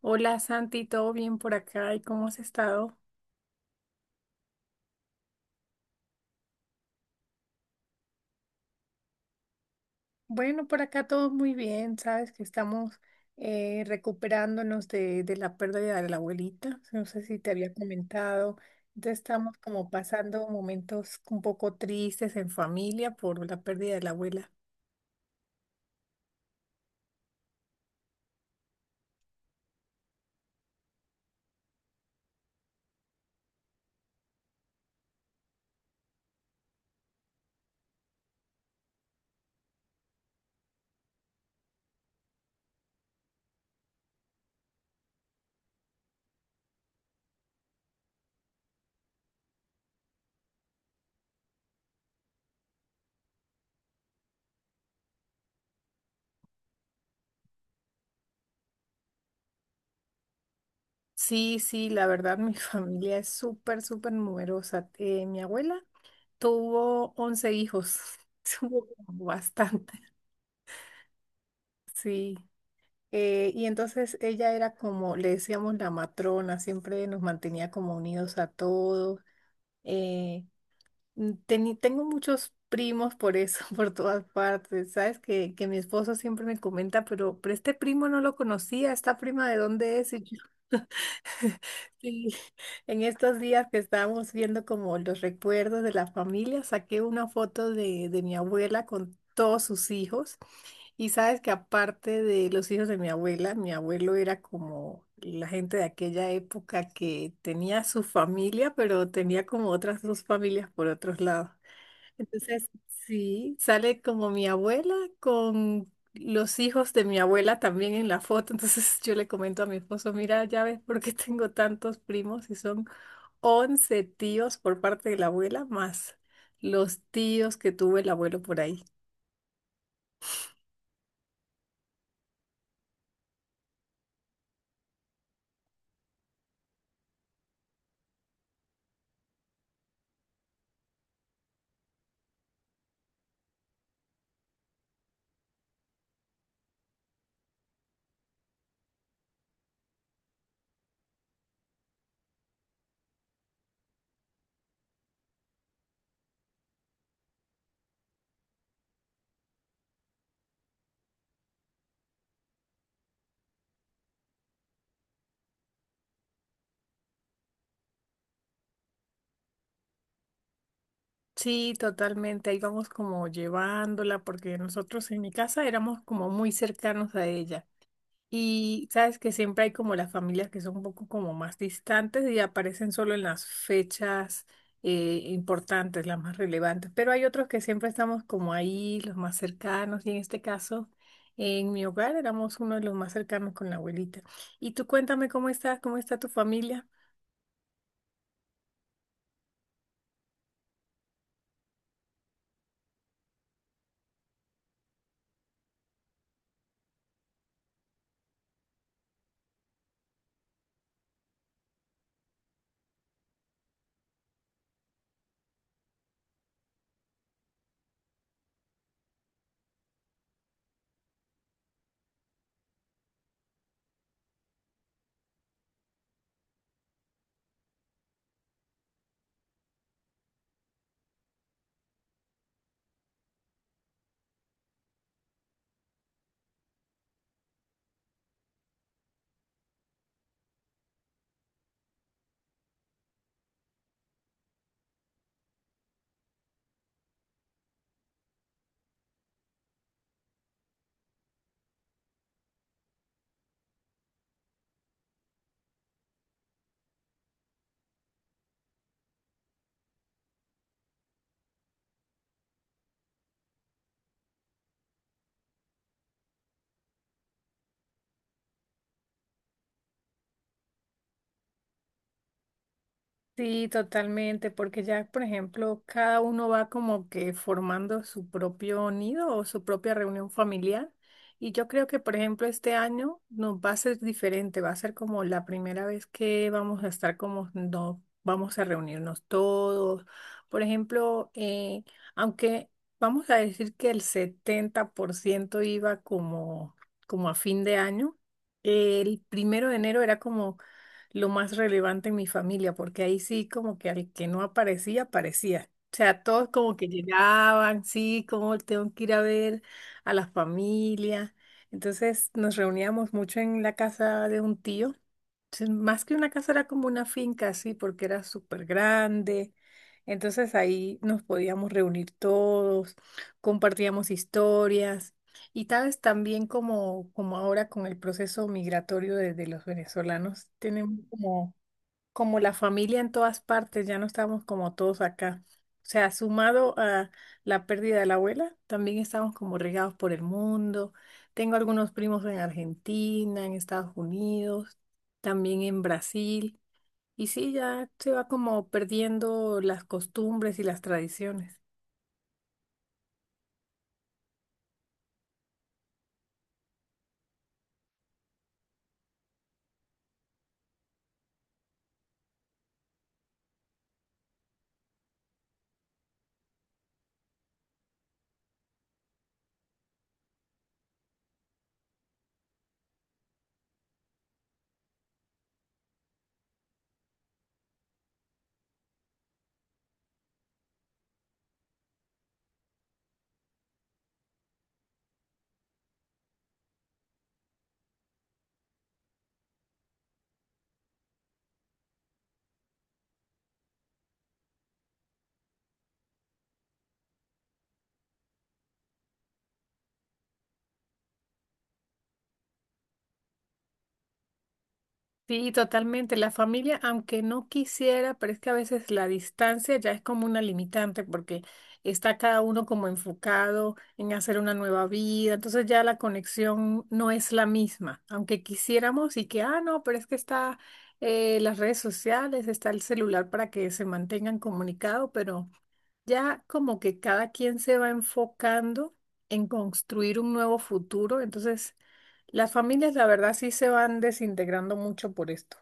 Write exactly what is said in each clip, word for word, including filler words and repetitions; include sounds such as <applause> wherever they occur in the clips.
Hola Santi, ¿todo bien por acá? ¿Y cómo has estado? Bueno, por acá todo muy bien, sabes que estamos eh, recuperándonos de, de la pérdida de la abuelita, no sé si te había comentado, entonces estamos como pasando momentos un poco tristes en familia por la pérdida de la abuela. Sí, sí, la verdad mi <laughs> familia es súper, súper numerosa. Eh, mi abuela tuvo once hijos, <laughs> tuvo bastante, sí. Eh, y entonces ella era como, le decíamos la matrona, siempre nos mantenía como unidos a todos. Eh, mm, teni- Tengo muchos primos por eso, <laughs> por todas partes. Sabes que, que mi esposo siempre me comenta, pero, pero este primo no lo conocía, ¿esta prima de dónde es? Sí, <laughs> en estos días que estábamos viendo como los recuerdos de la familia, saqué una foto de, de mi abuela con todos sus hijos. Y sabes que aparte de los hijos de mi abuela, mi abuelo era como la gente de aquella época que tenía su familia, pero tenía como otras dos familias por otros lados. Entonces, sí, sale como mi abuela con los hijos de mi abuela también en la foto. Entonces <laughs> yo le comento a mi esposo, mira, ya ves por qué tengo tantos primos y son once tíos por parte de la abuela más los tíos que tuvo el abuelo por ahí. Sí, totalmente. Ahí vamos como llevándola porque nosotros en mi casa éramos como muy cercanos a ella. Y sabes que siempre hay como las familias que son un poco como más distantes y aparecen solo en las fechas eh, importantes, las más relevantes, pero hay otros que siempre estamos como ahí, los más cercanos, y en este caso, en mi hogar éramos uno de los más cercanos con la abuelita. Y tú cuéntame cómo estás, cómo está tu familia. Sí, totalmente, porque ya, por ejemplo, cada uno va como que formando su propio nido o su propia reunión familiar. Y yo creo que, por ejemplo, este año nos va a ser diferente, va a ser como la primera vez que vamos a estar como no vamos a reunirnos todos. Por ejemplo, eh, aunque vamos a decir que el setenta por ciento iba como, como a fin de año, el primero de enero era como lo más relevante en mi familia, porque ahí sí como que al que no aparecía, aparecía. O sea, todos como que llegaban, sí, como tengo que ir a ver a la familia. Entonces nos reuníamos mucho en la casa de un tío. Entonces, más que una casa era como una finca, sí, porque era súper grande. Entonces ahí nos podíamos reunir todos, compartíamos historias. Y sabes, también como, como ahora con el proceso migratorio de, de los venezolanos, tenemos como, como la familia en todas partes, ya no estamos como todos acá. O sea, sumado a la pérdida de la abuela, también estamos como regados por el mundo. Tengo algunos primos en Argentina, en Estados Unidos, también en Brasil. Y sí, ya se va como perdiendo las costumbres y las tradiciones. Sí, totalmente. La familia, aunque no quisiera, pero es que a veces la distancia ya es como una limitante porque está cada uno como enfocado en hacer una nueva vida, entonces ya la conexión no es la misma, aunque quisiéramos y que, ah, no, pero es que está eh, las redes sociales, está el celular para que se mantengan comunicados, pero... Ya como que cada quien se va enfocando en construir un nuevo futuro, entonces las familias la verdad sí se van desintegrando mucho por esto.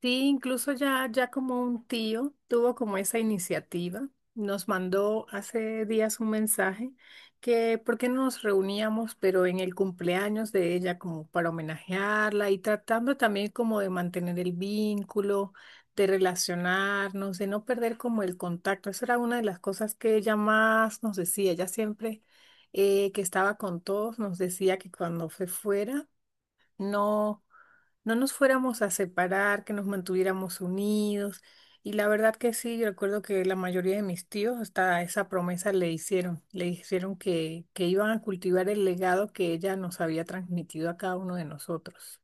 Sí, incluso ya, ya como un tío tuvo como esa iniciativa, nos mandó hace días un mensaje que por qué no nos reuníamos, pero en el cumpleaños de ella como para homenajearla y tratando también como de mantener el vínculo, de relacionarnos, de no perder como el contacto. Esa era una de las cosas que ella más nos decía. Ella siempre eh, que estaba con todos nos decía que cuando se fuera no, no nos fuéramos a separar, que nos mantuviéramos unidos. Y la verdad que sí, yo recuerdo que la mayoría de mis tíos hasta esa promesa le hicieron, le hicieron que, que iban a cultivar el legado que ella nos había transmitido a cada uno de nosotros.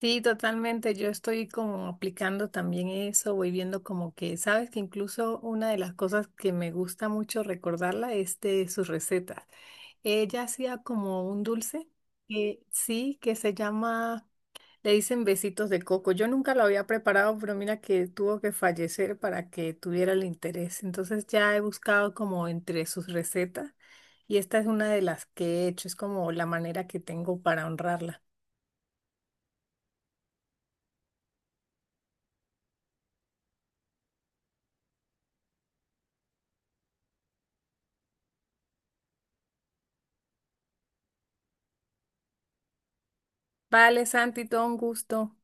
Sí, totalmente. Yo estoy como aplicando también eso, voy viendo como que, sabes que incluso una de las cosas que me gusta mucho recordarla es de sus recetas. Ella hacía como un dulce que sí, que se llama. Le dicen besitos de coco. Yo nunca lo había preparado, pero mira que tuvo que fallecer para que tuviera el interés. Entonces ya he buscado como entre sus recetas y esta es una de las que he hecho. Es como la manera que tengo para honrarla. Vale, Santi, todo un gusto.